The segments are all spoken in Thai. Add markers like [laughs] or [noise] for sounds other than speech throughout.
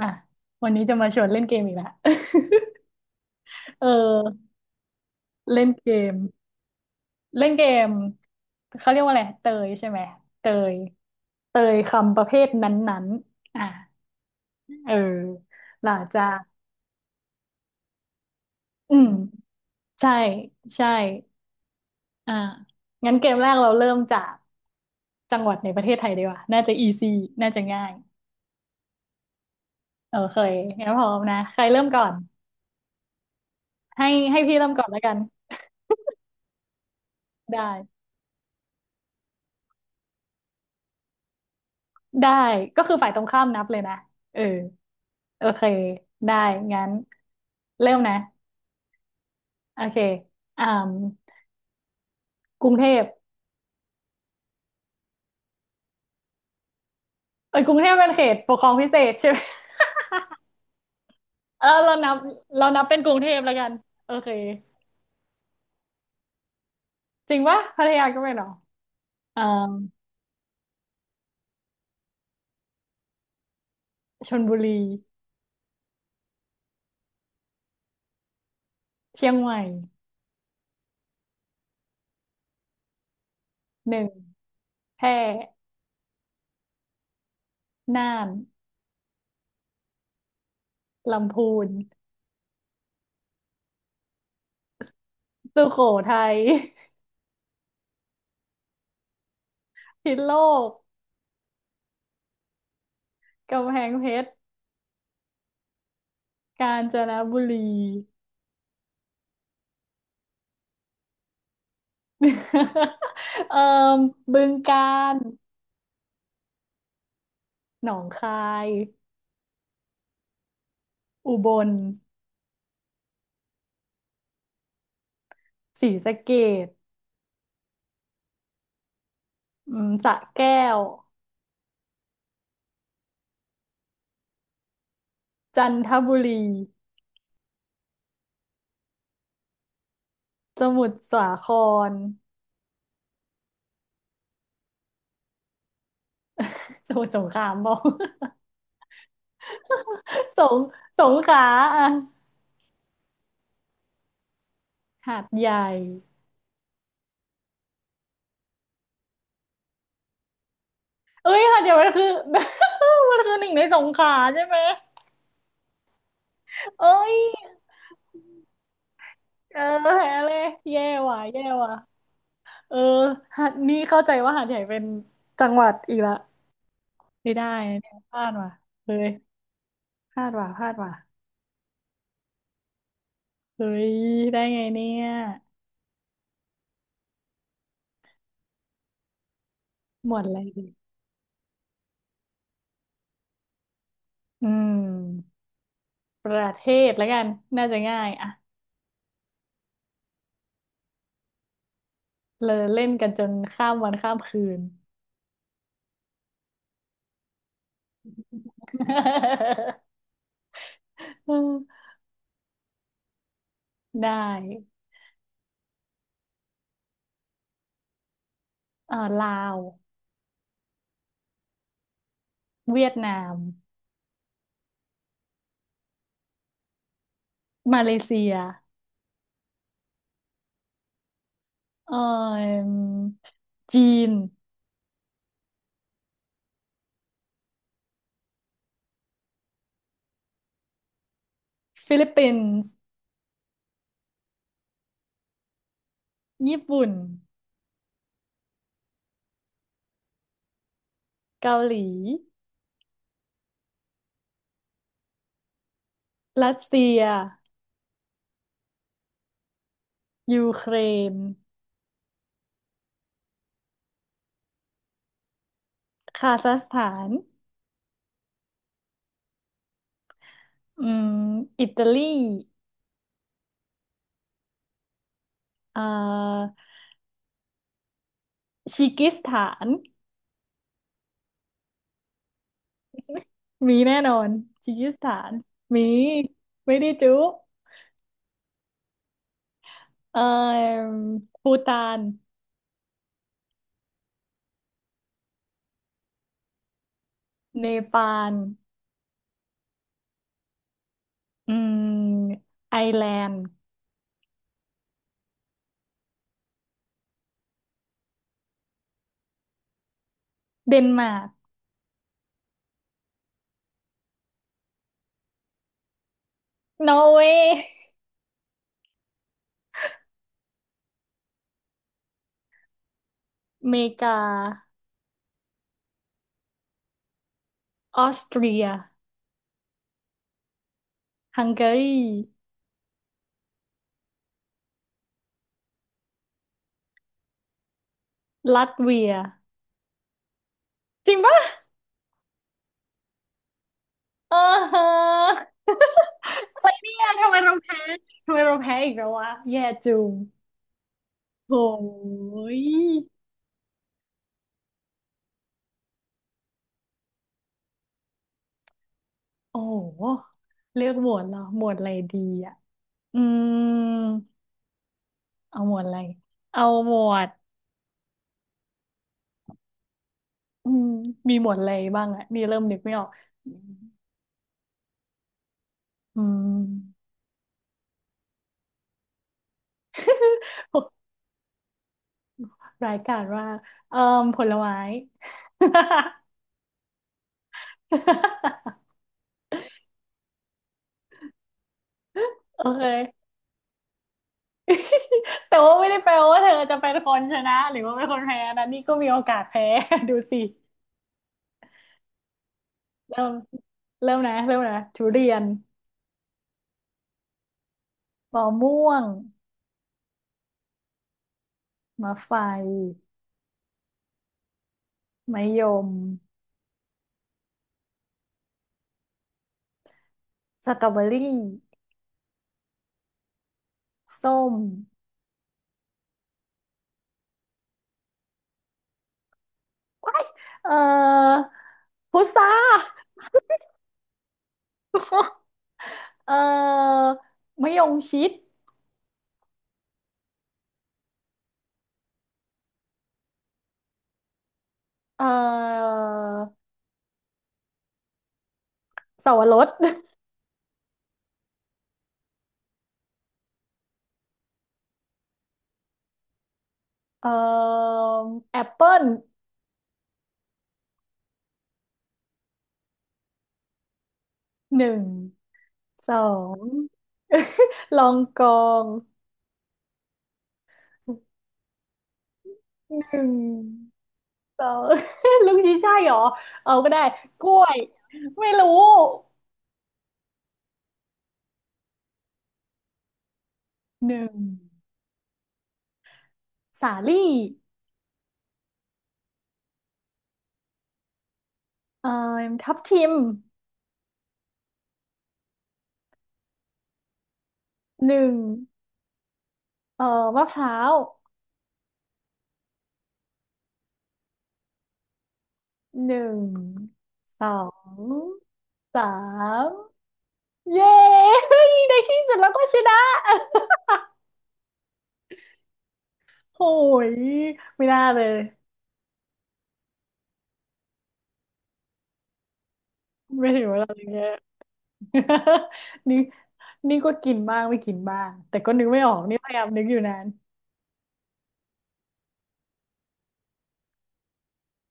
มาวันนี้จะมาชวนเล่นเกมอีกแล้ว [laughs] เออเล่นเกมเล่นเกมเขาเรียกว่าอะไรเตยใช่ไหมเตยเตยคำประเภทนั้นๆเออหลังจากอืมใช่ใช่อ่างั้นเกมแรกเราเริ่มจากจังหวัดในประเทศไทยดีกว่าน่าจะอีซีน่าจะง่ายโอเคงั้นพร้อมนะใครเริ่มก่อนให้ให้พี่เริ่มก่อนแล้วกันได้ได้ก็คือฝ่ายตรงข้ามนับเลยนะเออ โอเคได้งั้นเริ่มนะโอเคอ่ากรุงเทพเอ้ยกรุงเทพเป็นเขตปกครองพิเศษใช่ไหมเออเรานับเรานับเป็นกรุงเทพแล้วกันโอเคจริงปะพัทยาก็ไม่หรออ่าชลบุรีเชียงใหม่หนึ่งแพร่น่านลำพูนสุโขทัย [laughs] พิษณุโลกกำแพงเพชรกาญจนบุรี [laughs] เอ่อบึงกาฬหนองคายอุบล ศรีสะเกษสระแก้ว จันทบุรี สมุทรสาครสมุทรสงครามบอก [laughs] สงสงขลาอ่ะหาดใหญ่เอ้ยหาดใหญ่มันคือ [laughs] มันคือหนึ่งในสงขลาใช่ไหมเอ้ยเออแพ้เลยแย่ว่ะแย่ว่ะเออหาดนี่เข้าใจว่าหาดใหญ่เป็นจังหวัดอีกละไม่ได้นะเนี่ยพลาดว่ะเฮ้ยพลาดว่ะพลาดว่ะเฮ้ยได้ไงเนี่ยหมวดอะไรดีอืม ประเทศแล้วกัน น่าจะง่ายอะเลยเล่นกันจนข้ามวันข้ามคืน [laughs] ได้ลาว เวียดนาม มาเลเซียเอ่อจีนฟิลิปปินส์ญี่ปุ่น เกาหลีรัสเซีย ยูเครนคาซัคสถานอืมอิตาลีเอ่อชิกิสถาน มีแน่นอนคีร์กิสถาน มี ไม่ได้จุเอ่อภูฏานเนปาลอืมไอร์แลนด์เดนมาร์กนอร์เวย์อเมริกา ออสเตรียฮังการีลัตเวีย จริงปะเออฮะอะไรเนี่ยทำไมเราแพ้ ทำไมเราแพ้อีกแล้ววะ แย่จุงโอ้ยโอ้โหเลือกหมวดเหรอ หมวดอะไรดีอะ อืมเอาหมวดอะไร เอาหมวดอืมมีหมวดอะไรบ้างอะนี่เริ่มนึกไม่ออกอืม [laughs] รายการว่ากเอ่อผลไม้ [laughs] โอเค [laughs] แต่ว่าไม่ได้แปลว่าเธอจะเป็นคนชนะหรือว่าเป็นคนแพ้นะนี่ก็มีโอกาสแพ้ [laughs] ดูสิ เริ่มเริ่มนะ เริ่มนะทุเรียนมะม่วง มะไฟมะยมสตรอเบอรี่ส้ม เอ่อพุทราเอ่อมะยงชิดเอ่อเสาวบรสเอ่อแอปเปิ้ลหนึ่งสอง [laughs] ลองกองหนึ่งสอง [laughs] ลูกชิ้นใช่เหรอเอาก็ได้กล้วยไม่รู้หนึ่งสาลี่เอ่อทับทิมหนึ่งเอ่อมะพร้าว หนึ่งสองสามเย้ [laughs] ในที่สุดเราก็ชนะ [laughs] โอ้ยไม่น่าเลยไม่ถึงเวลาอย่างเงี้ย [laughs] นี่นี่ก็กินบ้างไม่กินบ้างแต่ก็นึกไม่ออกนี่พยายามนึกอยู่นาน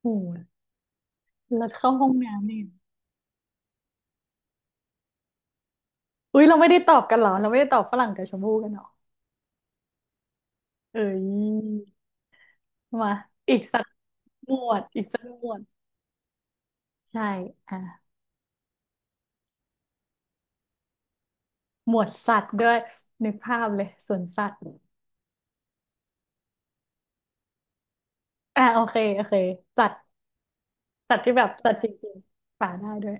โอ้ยแล้วเข้าห้องน้ำนี่อุ้ยเราไม่ได้ตอบกันเหรอเราไม่ได้ตอบฝรั่งกับชมพู่กันเหรอเอ้ยมาอีกสักหมวดอีกสักหมวดใช่อ่ะหมวดสัตว์ด้วยนึกภาพเลยสวนสัตว์ โอเคโอเคสัตว์สัตว์ที่แบบสัตว์จริงๆป่าได้ด้วย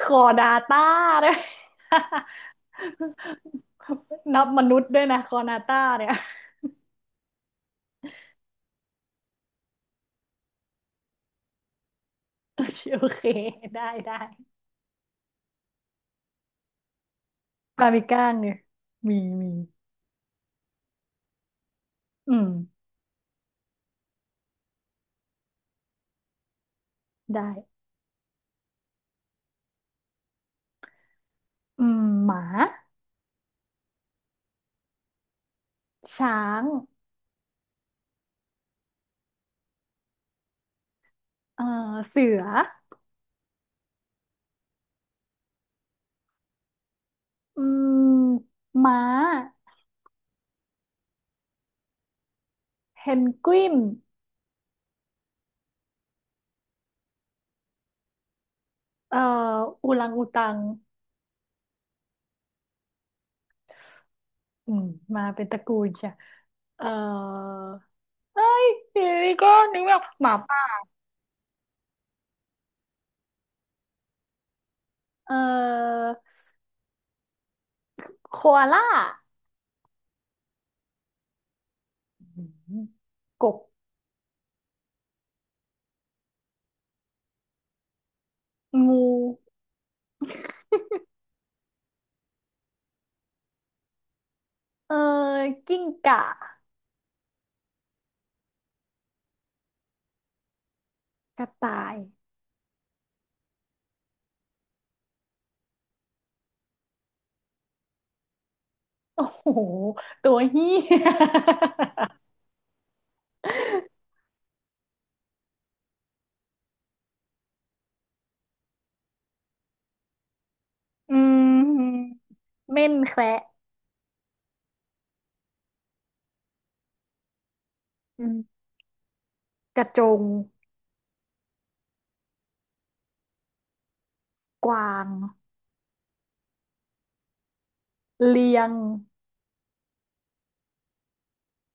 คอนาต้าด้วย [laughs] นับมนุษย์ด้วยนะคอนาต้าเนี่ย [laughs] โอเคโอเคได้ได้ปลามีก้างเนี่ยมีมีอืมได้อืมหมาช้างเอ่อเสืออืมม้าเพนกวินเอ่ออูรังอูตังอืมมาเป็นตระกูลใช่เอ่อ เอ้ยทีนี้ก็นึกไม่ออกหมาป่าเอ่อโคอาล่าอืมกบงู เอ่อกิ้งก่ากระต่าย โอ้โห ตัวเหี้ย [laughs] อืมเม่นแคระอืมกระจง กวาง เลียง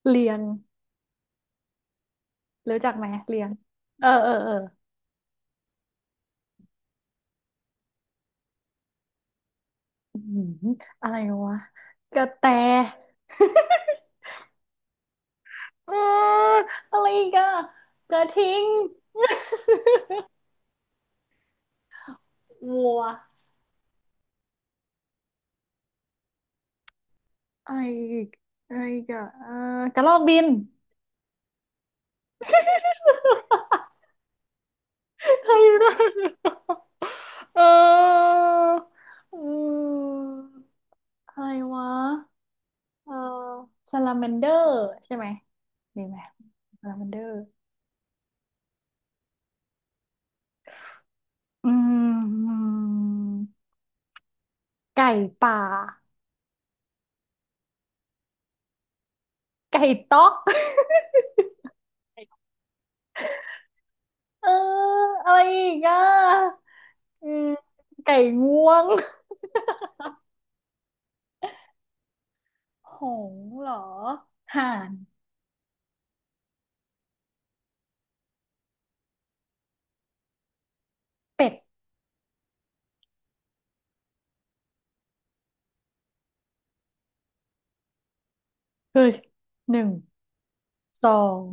เลียงรู้จักไหม เลียง เออ เออ เออ อืมอะไรวะกระแต เอออะไรอีกอะกระทิงวัวอะไรอีกอะไรอีกอะเออกระรอกบิน [laughs] ใครได้เอออืมอะไรวะเออซาลาแมนเดอร์ใช่ไหมดีไหมซาลาแมนเดอร์อืมไก่ป่าไก่ต๊อก [laughs] เอออะไรอีกอ่ะอืมไก่งวง หงส์เหรอห่านเป็ดเฮ้ยหนึ่งสอง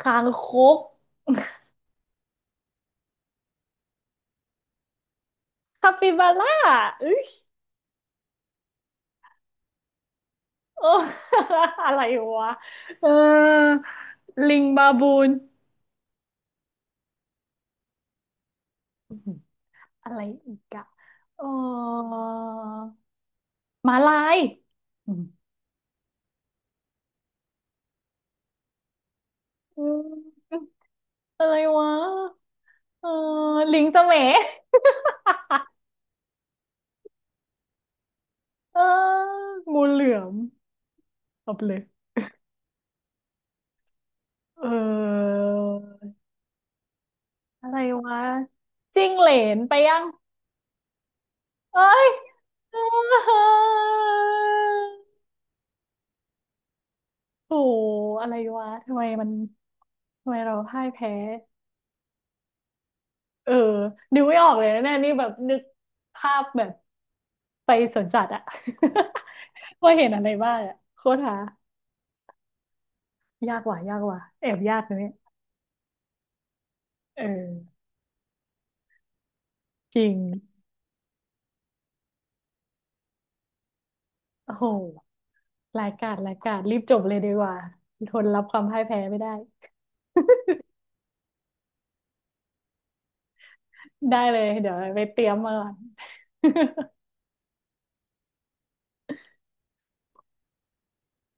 คางคกคาปิบาร่าเอ้ย [laughs] โอ้ [laughs] อะไรวะเออลิงบาบูนอื้อหืออะไรอีกอะเออหมาลายอืมอืมอะไรวะเออลิงสมยเอองูเหลือมเอาไปเลยเอออะไรวะจิ้งเหลนไปยัง เอ้ย [laughs] โอ้โห อะไรวะทำไมมันทำไมเราพ่ายแพ้เออนึกไม่ออกเลยนะเนี่ยนี่แบบนึกภาพแบบไปสวนสัตว์อะ [laughs] ว่าเห็นอะไรบ้างอะโคตรหายากว่ะยากว่ะแอบยากนะเนี่ยเออจริงโอ้โหรายการรายการรีบจบเลยดีกว่าทนรับความพ่ายแพ้ไม่ได้ [laughs] ได้เลยเดี๋ยวไปเตรียมมาก่อน [laughs]